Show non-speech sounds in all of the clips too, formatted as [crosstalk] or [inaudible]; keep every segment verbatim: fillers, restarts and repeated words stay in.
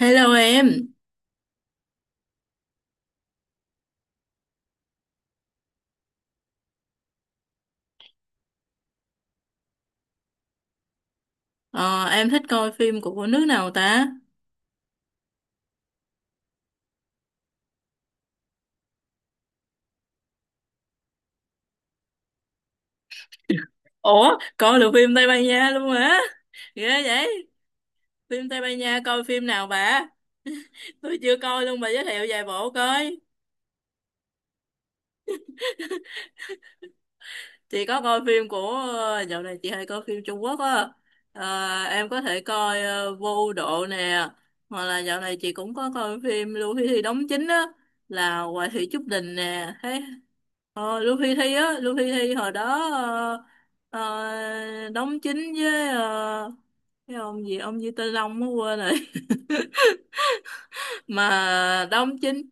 Hello em. ờ, em thích coi phim của nước nào ta? Ủa, coi được phim Tây Ban Nha luôn hả? Ghê vậy, phim Tây Ban Nha coi phim nào bà? Tôi chưa coi luôn, bà giới thiệu vài bộ coi. Chị có coi phim của, ờ, dạo này chị hay coi phim Trung Quốc á. Ờ, em có thể coi ờ, Vô Độ nè, hoặc là dạo này chị cũng có coi phim Lưu Huy Thi đóng chính á, là Hoài Thị Trúc Đình nè. Thế ờ, Luffy Thi á, Luffy Thi hồi đó ờ, ờ, đóng chính với ờ, cái ông gì ông gì Tây Long mới quên rồi [laughs] mà đóng chính,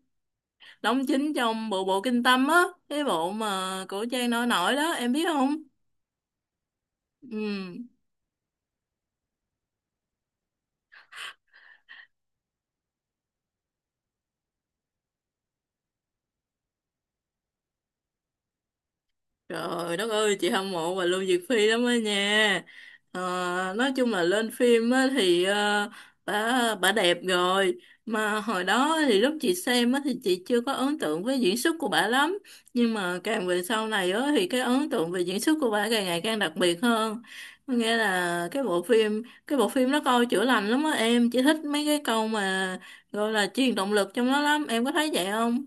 đóng chính trong bộ bộ Kinh Tâm á, cái bộ mà cổ trang nổi nổi đó, em biết không? Ừ. Trời đất ơi, chị hâm mộ bà Lưu Diệc Phi lắm á nha. Ờ, nói chung là lên phim á thì ờ, bà bà đẹp rồi. Mà hồi đó thì lúc chị xem á thì chị chưa có ấn tượng với diễn xuất của bà lắm. Nhưng mà càng về sau này á thì cái ấn tượng về diễn xuất của bà càng ngày càng đặc biệt hơn. Có nghĩa là cái bộ phim cái bộ phim nó coi chữa lành lắm á em. Chị thích mấy cái câu mà gọi là truyền động lực trong nó lắm. Em có thấy vậy không?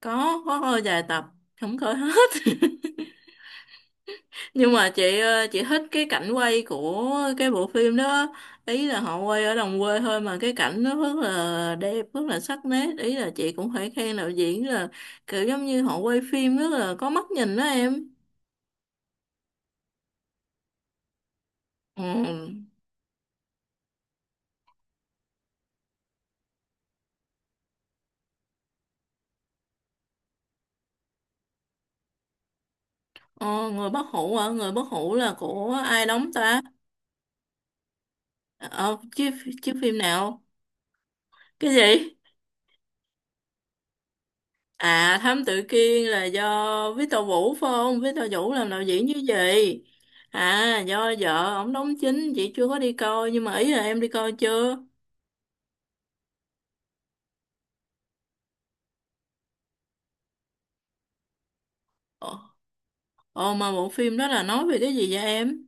Có, có coi vài tập, không coi hết. Nhưng mà chị ờ, chị thích cái cảnh quay của cái bộ phim đó, ý là họ quay ở đồng quê thôi mà cái cảnh nó rất là đẹp, rất là sắc nét, ý là chị cũng phải khen đạo diễn là kiểu giống như họ quay phim rất là có mắt nhìn đó em. Ừ. ờ, Người bất hủ hả? Người bất hủ là của ai đóng ta? ờ, Chiếu, chiếu phim nào, cái gì? À, Thám Tử Kiên là do Victor Vũ phải không? Victor Vũ làm đạo diễn như vậy. À do vợ ổng đóng chính, chị chưa có đi coi, nhưng mà ý là em đi coi chưa? Ồ, ồ mà bộ phim đó là nói về cái gì vậy em?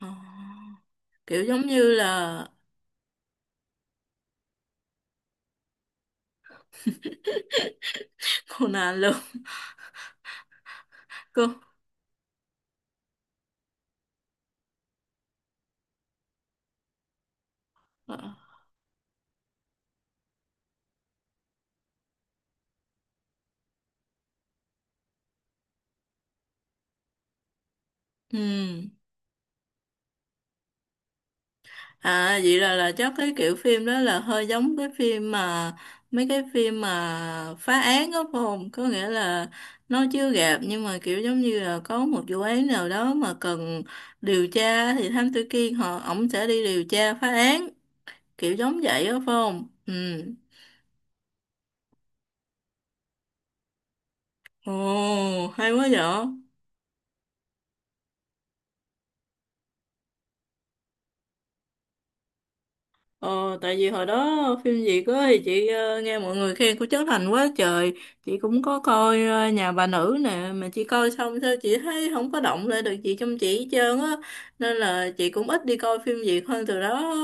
Ờ, kiểu giống như là [laughs] Conan luôn. Cô. Ừ. À vậy là là chắc cái kiểu phim đó là hơi giống cái phim mà mấy cái phim mà phá án đó phải không? Có nghĩa là nó chưa gặp nhưng mà kiểu giống như là có một vụ án nào đó mà cần điều tra thì Thám Tử Kiên, họ ổng sẽ đi điều tra phá án, kiểu giống vậy đó phải không? Ừ. Ồ, hay quá vậy. Ờ, tại vì hồi đó phim Việt á thì chị ờ, nghe mọi người khen của Trấn Thành quá trời, chị cũng có coi ờ, Nhà bà nữ nè, mà chị coi xong sao chị thấy không có động lại được chị, trong chị hết trơn á, nên là chị cũng ít đi coi phim Việt hơn từ đó.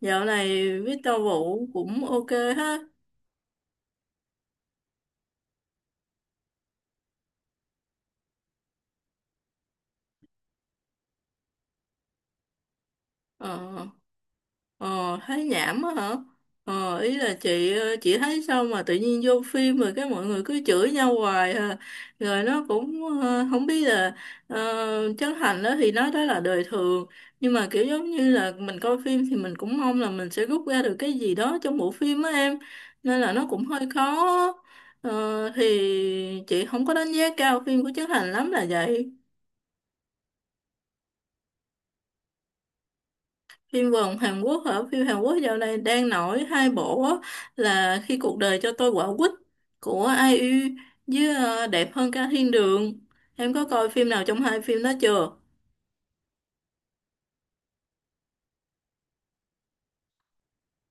Dạo này Victor Vũ cũng ok ha. ờ. Ờ, thấy nhảm á hả? Ờ, ý là chị ờ, chị thấy sao mà tự nhiên vô phim rồi cái mọi người cứ chửi nhau hoài à. Rồi nó cũng ờ, không biết là ờ, Trấn Thành đó thì nói đó là đời thường, nhưng mà kiểu giống như là mình coi phim thì mình cũng mong là mình sẽ rút ra được cái gì đó trong bộ phim á em, nên là nó cũng hơi khó. Ờ, thì chị không có đánh giá cao phim của Trấn Thành lắm là vậy. Phim vòng Hàn Quốc hả? Phim Hàn Quốc dạo này đang nổi hai bộ á, là Khi cuộc đời cho tôi quả quýt của ai i u, với ờ, Đẹp hơn cả thiên đường. Em có coi phim nào trong hai phim đó chưa?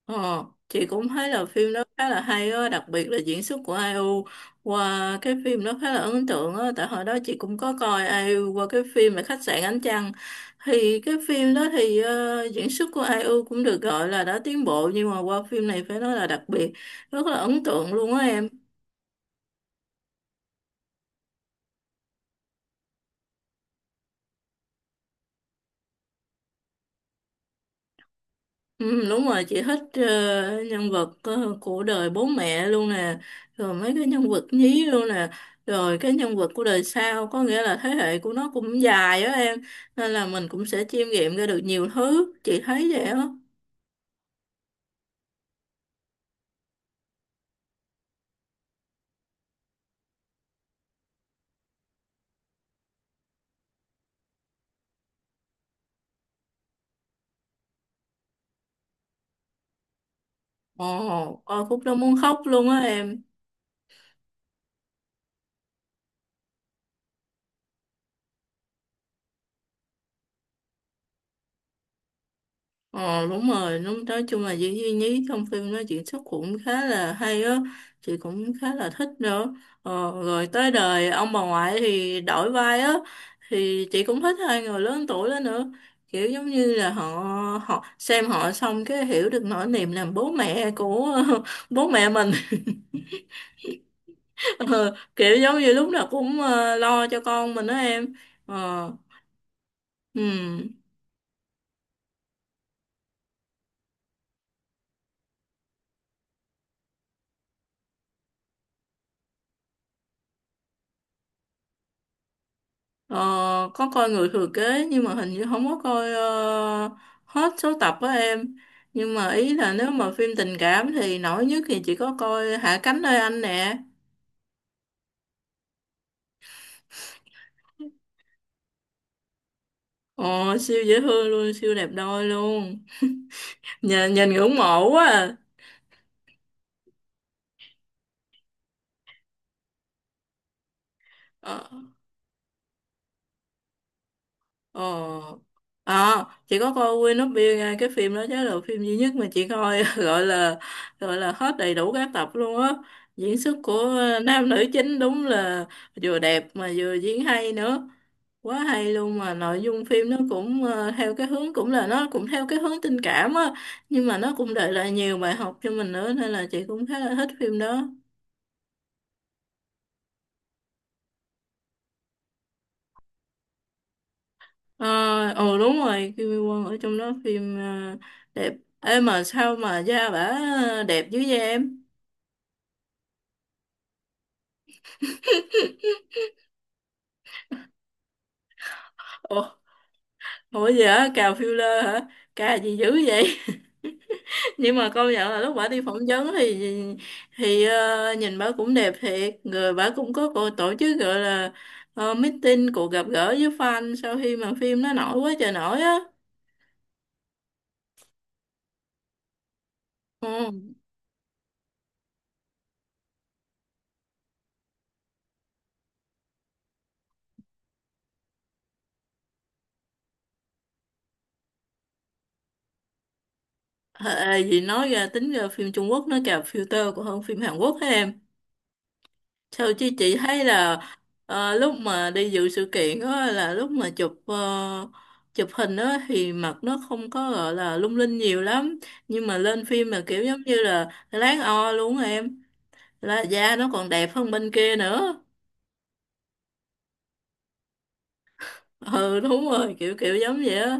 Ờ, chị cũng thấy là phim đó khá là hay á, đặc biệt là diễn xuất của ai i u qua cái phim đó khá là ấn tượng á, tại hồi đó chị cũng có coi ai i u qua cái phim là Khách sạn Ánh Trăng. Thì cái phim đó thì ờ, diễn xuất của ai i u cũng được gọi là đã tiến bộ, nhưng mà qua phim này phải nói là đặc biệt, rất là ấn tượng luôn á em. Ừ, đúng rồi, chị thích ờ, nhân vật ờ, của đời bố mẹ luôn nè, rồi mấy cái nhân vật nhí luôn nè, rồi cái nhân vật của đời sau, có nghĩa là thế hệ của nó cũng dài á em, nên là mình cũng sẽ chiêm nghiệm ra được nhiều thứ, chị thấy vậy á. Ồ coi khúc đó muốn khóc luôn á em. Ờ đúng rồi, đúng, nói chung là diễn viên nhí trong phim nó diễn xuất cũng khá là hay á, chị cũng khá là thích nữa. Ờ, rồi tới đời ông bà ngoại thì đổi vai á, thì chị cũng thích hai người lớn tuổi đó nữa. Kiểu giống như là họ họ xem họ xong cái hiểu được nỗi niềm làm bố mẹ của [laughs] bố mẹ mình. [laughs] Ờ, kiểu giống như lúc nào cũng ờ, lo cho con mình đó em. Ờ, ừ. Ờ, có coi người thừa kế nhưng mà hình như không có coi ờ, hết số tập á em, nhưng mà ý là nếu mà phim tình cảm thì nổi nhất thì chỉ có coi Hạ cánh nơi anh nè. Ồ siêu dễ thương luôn, siêu đẹp đôi luôn, nhìn nhìn ngưỡng mộ quá à. Ờ. Ờ. À, chị có coi Queen of Bill nha, cái phim đó chắc là phim duy nhất mà chị coi [laughs] gọi là gọi là hết đầy đủ các tập luôn á. Diễn xuất của à, nam nữ chính đúng là vừa đẹp mà vừa diễn hay nữa. Quá hay luôn, mà nội dung phim nó cũng ờ, theo cái hướng cũng là nó cũng theo cái hướng tình cảm á, nhưng mà nó cũng để lại nhiều bài học cho mình nữa nên là chị cũng khá là thích phim đó. Ờ ừ, đúng rồi, Kim Mi Quân ở trong đó phim ờ, đẹp. Ê mà sao mà da bả đẹp dữ vậy em? Ủa, ủa gì hả, cào filler hả, cà gì dữ vậy? [laughs] Nhưng mà công nhận là lúc bả đi phỏng vấn thì thì ờ, nhìn bả cũng đẹp thiệt, người bả cũng có cô tổ chức gọi là ờ, meeting, cuộc gặp gỡ với fan sau khi mà phim nó nổi quá trời nổi á. Ừ. Ê, gì nói ra tính ra phim Trung Quốc nó cào filter còn hơn phim Hàn Quốc hả em? Theo chứ chị thấy là ờ, lúc mà đi dự sự kiện đó là lúc mà chụp ờ, chụp hình đó thì mặt nó không có gọi là lung linh nhiều lắm, nhưng mà lên phim là kiểu giống như là láng o luôn á em, là da nó còn đẹp hơn bên kia nữa. Ừ đúng rồi, kiểu kiểu giống vậy á.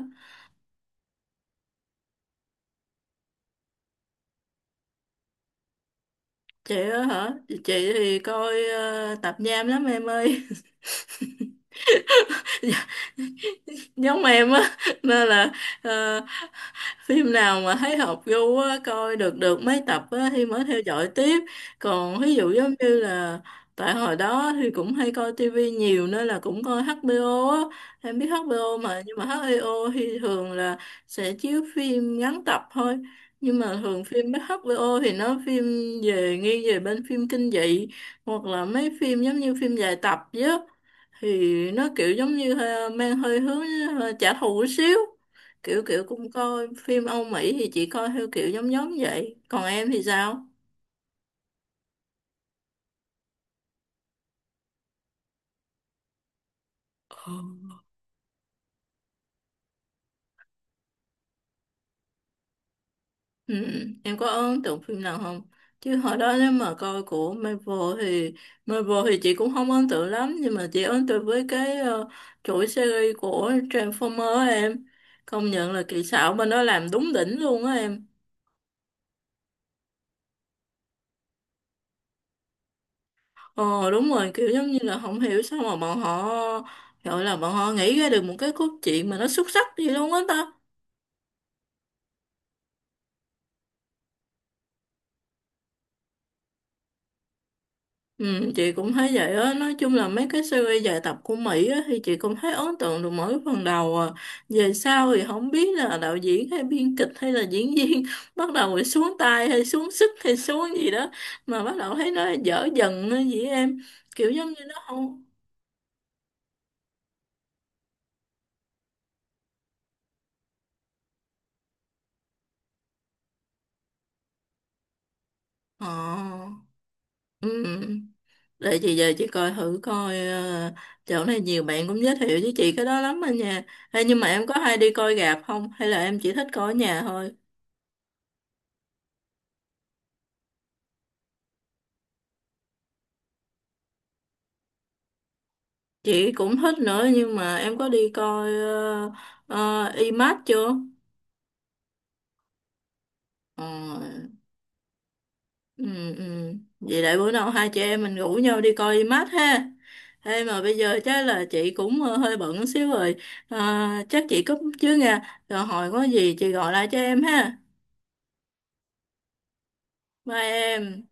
Chị á hả, chị thì coi ờ, tạp nham lắm em ơi, [laughs] giống em á, nên là ờ, phim nào mà thấy hợp gu á, coi được được mấy tập á, thì mới theo dõi tiếp, còn ví dụ giống như là tại hồi đó thì cũng hay coi tivi nhiều nên là cũng coi hát bê o á, em biết hát bê o mà, nhưng mà hát bê o thì thường là sẽ chiếu phim ngắn tập thôi, nhưng mà thường phim hát bê o thì nó phim về, nghiêng về bên phim kinh dị, hoặc là mấy phim giống như phim dài tập chứ, thì nó kiểu giống như ờ, mang hơi hướng ờ, trả thù một xíu, kiểu kiểu cũng coi phim Âu Mỹ thì chị coi theo kiểu giống giống vậy, còn em thì sao? Ờ, ừ, em có ấn tượng phim nào không, chứ hồi đó nếu mà coi của Marvel thì Marvel thì chị cũng không ấn tượng lắm, nhưng mà chị ấn tượng với cái ờ, chuỗi series của Transformer á em, công nhận là kỹ xảo bên đó làm đúng đỉnh luôn á em. Ờ đúng rồi, kiểu giống như là không hiểu sao mà bọn họ gọi là bọn họ nghĩ ra được một cái cốt truyện mà nó xuất sắc gì luôn á ta. Ừ, chị cũng thấy vậy á, nói chung là mấy cái series dài tập của Mỹ á, thì chị cũng thấy ấn tượng được mỗi phần đầu à, về sau thì không biết là đạo diễn hay biên kịch hay là diễn viên [laughs] bắt đầu rồi xuống tay hay xuống sức hay xuống gì đó mà bắt đầu thấy nó dở dần á vậy em, kiểu giống như nó không. Ờ ừ. Để chị về chị coi thử coi ờ, chỗ này nhiều bạn cũng giới thiệu với chị cái đó lắm anh nha. Ê, nhưng mà em có hay đi coi rạp không, hay là em chỉ thích coi ở nhà thôi? Chị cũng thích nữa, nhưng mà em có đi coi uh, uh, IMAX chưa? Ờ, ừ, ừ. Vậy để bữa nào hai chị em mình rủ nhau đi coi IMAX ha. Thế mà bây giờ chắc là chị cũng ờ, hơi bận xíu rồi. Ờ, chắc chị cúp chứ nha. Rồi hồi có gì chị gọi lại cho em ha. Bye em.